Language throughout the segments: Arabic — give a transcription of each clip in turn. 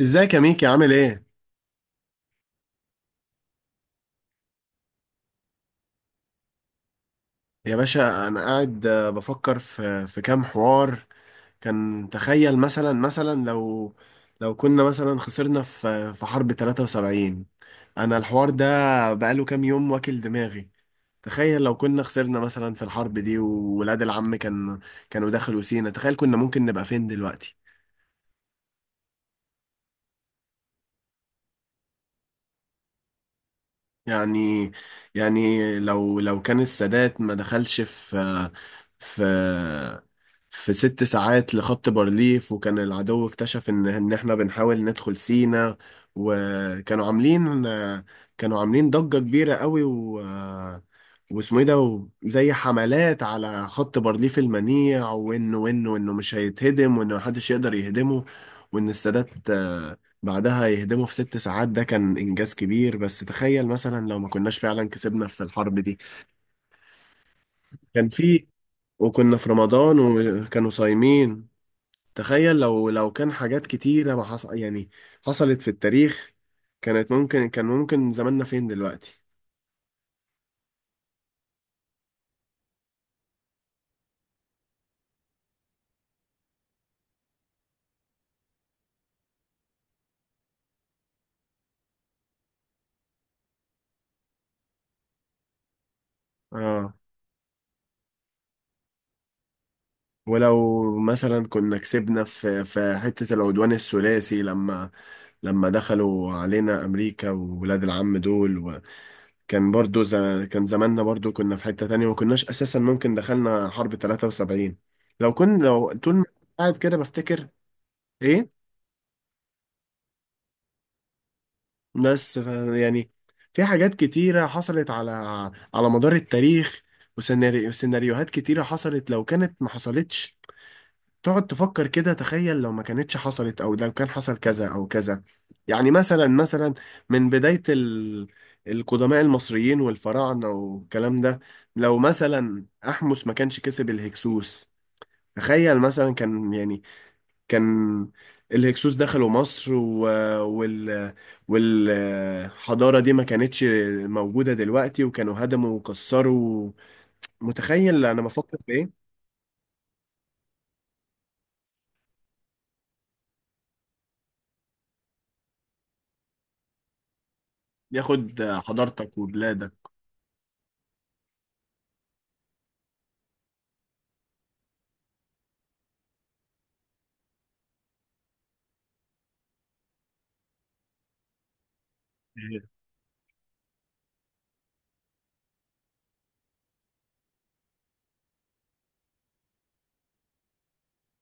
ازيك يا ميكي عامل ايه؟ يا باشا انا قاعد بفكر في كام حوار. كان تخيل مثلا لو كنا مثلا خسرنا في حرب 73. انا الحوار ده بقاله كام يوم واكل دماغي. تخيل لو كنا خسرنا مثلا في الحرب دي، وولاد العم كانوا دخلوا سينا. تخيل كنا ممكن نبقى فين دلوقتي؟ يعني يعني لو كان السادات ما دخلش في في ست ساعات لخط بارليف، وكان العدو اكتشف ان احنا بنحاول ندخل سينا. وكانوا عاملين كانوا عاملين ضجة كبيرة قوي، واسمه ايه ده، زي حملات على خط بارليف المنيع، وانه مش هيتهدم، وانه محدش يقدر يهدمه. وان السادات بعدها يهدموا في ست ساعات، ده كان إنجاز كبير. بس تخيل مثلا لو ما كناش فعلا كسبنا في الحرب دي. كان في وكنا في رمضان وكانوا صايمين. تخيل لو كان حاجات كتيرة ما حص... يعني حصلت في التاريخ. كان ممكن زماننا فين دلوقتي؟ اه. ولو مثلا كنا كسبنا في حتة العدوان الثلاثي، لما دخلوا علينا أمريكا وولاد العم دول. كان برضو ز... كان زماننا برضو كنا في حتة تانية، وكناش أساسا ممكن دخلنا حرب 73. لو طول ما قاعد كده بفتكر. إيه. بس ف- يعني في حاجات كتيرة حصلت على مدار التاريخ، وسيناريوهات كتيرة حصلت لو كانت ما حصلتش. تقعد تفكر كده، تخيل لو ما كانتش حصلت، او لو كان حصل كذا او كذا. يعني مثلا من القدماء المصريين والفراعنة والكلام ده. لو مثلا أحمس ما كانش كسب الهكسوس. تخيل مثلا كان يعني كان الهكسوس دخلوا مصر و... وال والحضارة دي ما كانتش موجودة دلوقتي، وكانوا هدموا وكسروا. متخيل أنا بفكر في إيه؟ ياخد حضارتك وبلادك.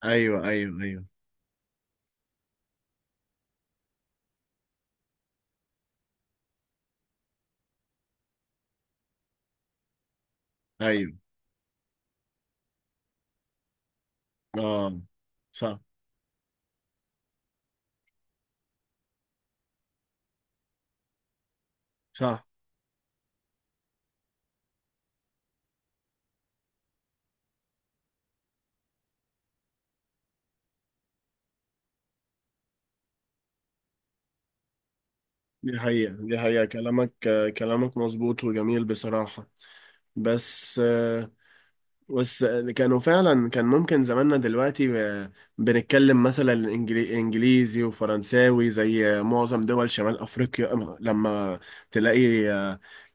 ايوه، ايوه، ايوه، ايوه. اه. صح، صح. دي حقيقة، دي حقيقة. كلامك، كلامك مظبوط وجميل بصراحة. بس بس كانوا فعلا كان ممكن زماننا دلوقتي بنتكلم مثلا انجليزي وفرنساوي، زي معظم دول شمال افريقيا. لما تلاقي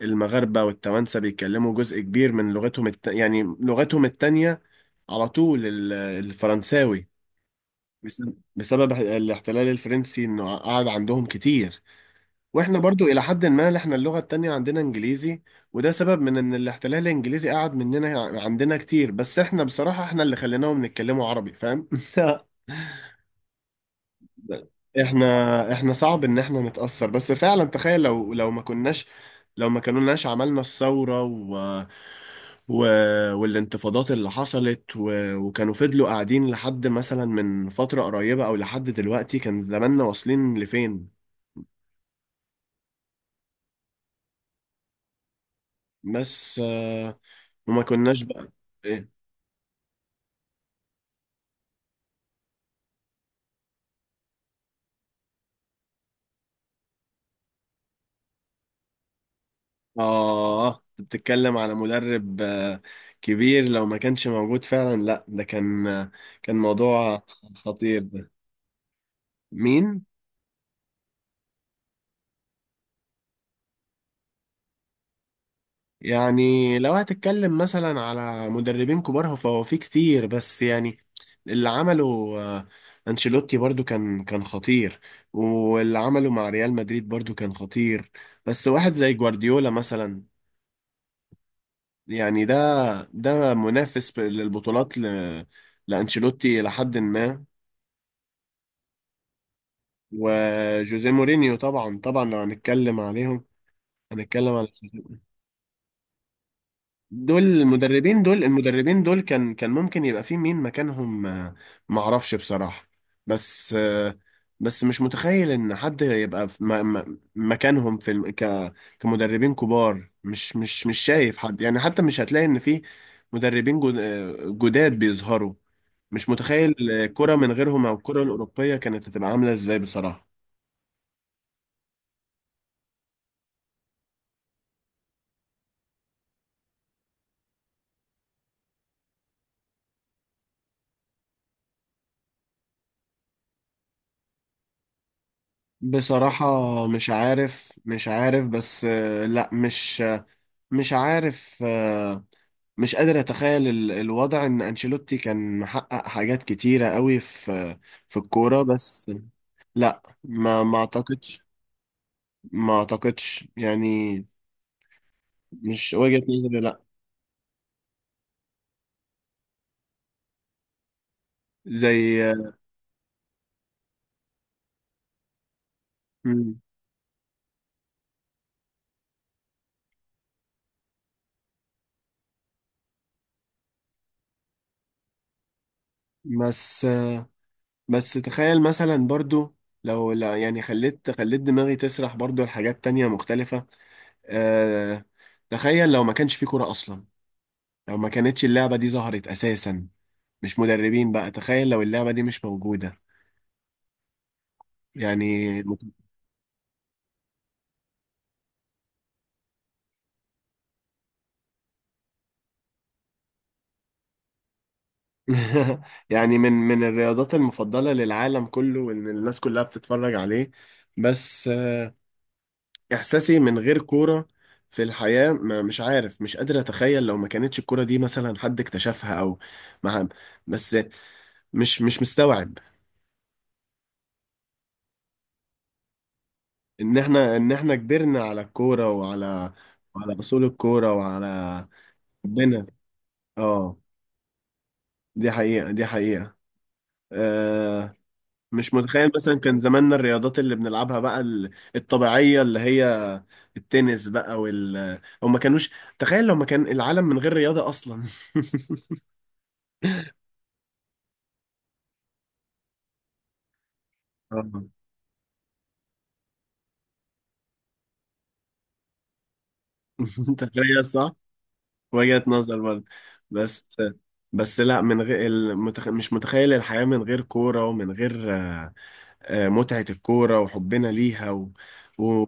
المغاربة والتوانسة بيتكلموا جزء كبير من يعني لغتهم التانية على طول الفرنساوي، بسبب الاحتلال الفرنسي، انه قعد عندهم كتير. واحنا برضو الى حد ما احنا اللغة التانية عندنا انجليزي، وده سبب من ان الاحتلال الانجليزي قعد مننا عندنا كتير. بس احنا بصراحة احنا اللي خليناهم نتكلموا عربي، فاهم؟ احنا احنا صعب ان احنا نتأثر. بس فعلا تخيل لو ما كناش عملنا الثورة و... والانتفاضات اللي حصلت، وكانوا فضلوا قاعدين لحد مثلا من فترة قريبة او لحد دلوقتي. كان زماننا واصلين لفين؟ بس وما كناش بقى. ايه. اه. أنت بتتكلم على مدرب كبير، لو ما كانش موجود فعلا؟ لا، ده كان موضوع خطير ده. مين؟ يعني لو هتتكلم مثلا على مدربين كبار، فهو في كتير. بس يعني اللي عمله آه، أنشيلوتي برضو كان خطير. واللي عمله مع ريال مدريد برضو كان خطير. بس واحد زي جوارديولا مثلا، يعني ده منافس للبطولات لأنشيلوتي لحد ما. وجوزيه مورينيو طبعا، طبعا لو هنتكلم على دول. المدربين دول كان ممكن يبقى في مين مكانهم؟ معرفش بصراحة. بس آه، بس مش متخيل ان حد يبقى في مكانهم، في كمدربين كبار. مش شايف حد، يعني حتى مش هتلاقي ان في مدربين جداد بيظهروا. مش متخيل الكرة من غيرهم، او الكرة الأوروبية كانت هتبقى عاملة ازاي بصراحة. بصراحة مش عارف. بس آه، لا، مش عارف. مش قادر اتخيل الوضع، ان انشيلوتي كان محقق حاجات كتيرة قوي في الكورة. بس لا، ما اعتقدش. ما اعتقدش، يعني مش وجهة نظري. لا. زي. مم. بس بس تخيل مثلا برضو، لو، لا يعني خليت دماغي تسرح برضو لحاجات تانية مختلفة. أه. تخيل لو ما كانش في كورة اصلا، لو ما كانتش اللعبة دي ظهرت اساسا. مش مدربين بقى، تخيل لو اللعبة دي مش موجودة. يعني. يعني من الرياضات المفضلة للعالم كله، وإن الناس كلها بتتفرج عليه. بس إحساسي من غير كورة في الحياة، ما، مش عارف. مش قادر أتخيل لو ما كانتش الكورة دي مثلا حد اكتشفها، أو ما. بس مش مستوعب إن إحنا، إن إحنا كبرنا على الكورة، وعلى أصول الكورة وعلى ربنا. آه، دي حقيقة، دي حقيقة. آه، مش متخيل مثلا كان زماننا الرياضات اللي بنلعبها بقى الطبيعية، اللي هي التنس بقى، وال، او ما كانوش. تخيل لو ما كان العالم من غير رياضة اصلا. آه. تخيل، صح. وجهة نظر برضه. بس بس لا، من غير مش متخيل الحياة من غير كورة، ومن غير متعة الكورة وحبنا ليها و...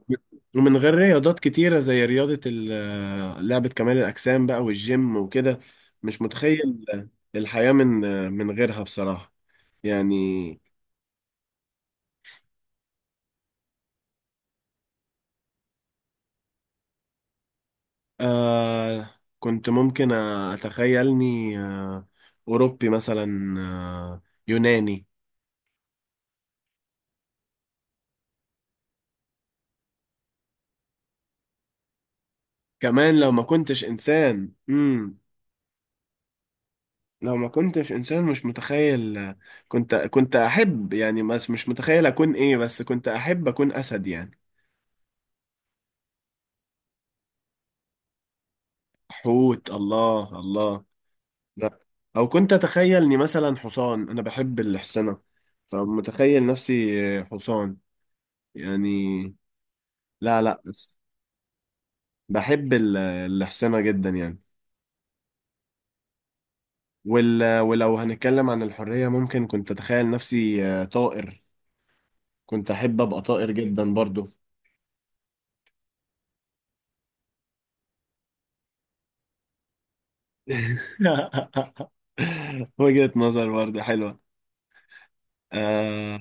ومن غير رياضات كتيرة، زي رياضة ال... آه، لعبة كمال الأجسام بقى والجيم وكده. مش متخيل الحياة من غيرها بصراحة، يعني. آه، كنت ممكن أتخيلني آه أوروبي مثلا، آه يوناني. كمان لو ما كنتش إنسان. لو ما كنتش انسان مش متخيل. كنت احب، يعني بس مش متخيل اكون ايه، بس كنت احب اكون اسد يعني. حوت، الله، الله. لا. او كنت اتخيلني مثلا حصان، انا بحب الحصنة، فمتخيل نفسي حصان يعني. لا لا، بس بحب الحصنة جدا يعني. وال، ولو هنتكلم عن الحرية، ممكن كنت اتخيل نفسي طائر. كنت احب ابقى طائر جدا برضو. وجهة نظر برضه حلوة. آه.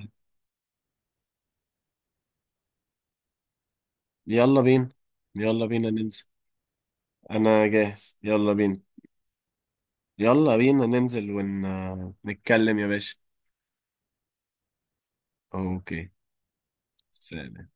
يلا بينا، يلا بينا ننزل. أنا جاهز، يلا بينا. يلا بينا ننزل ونتكلم يا باشا. أوكي. سلام.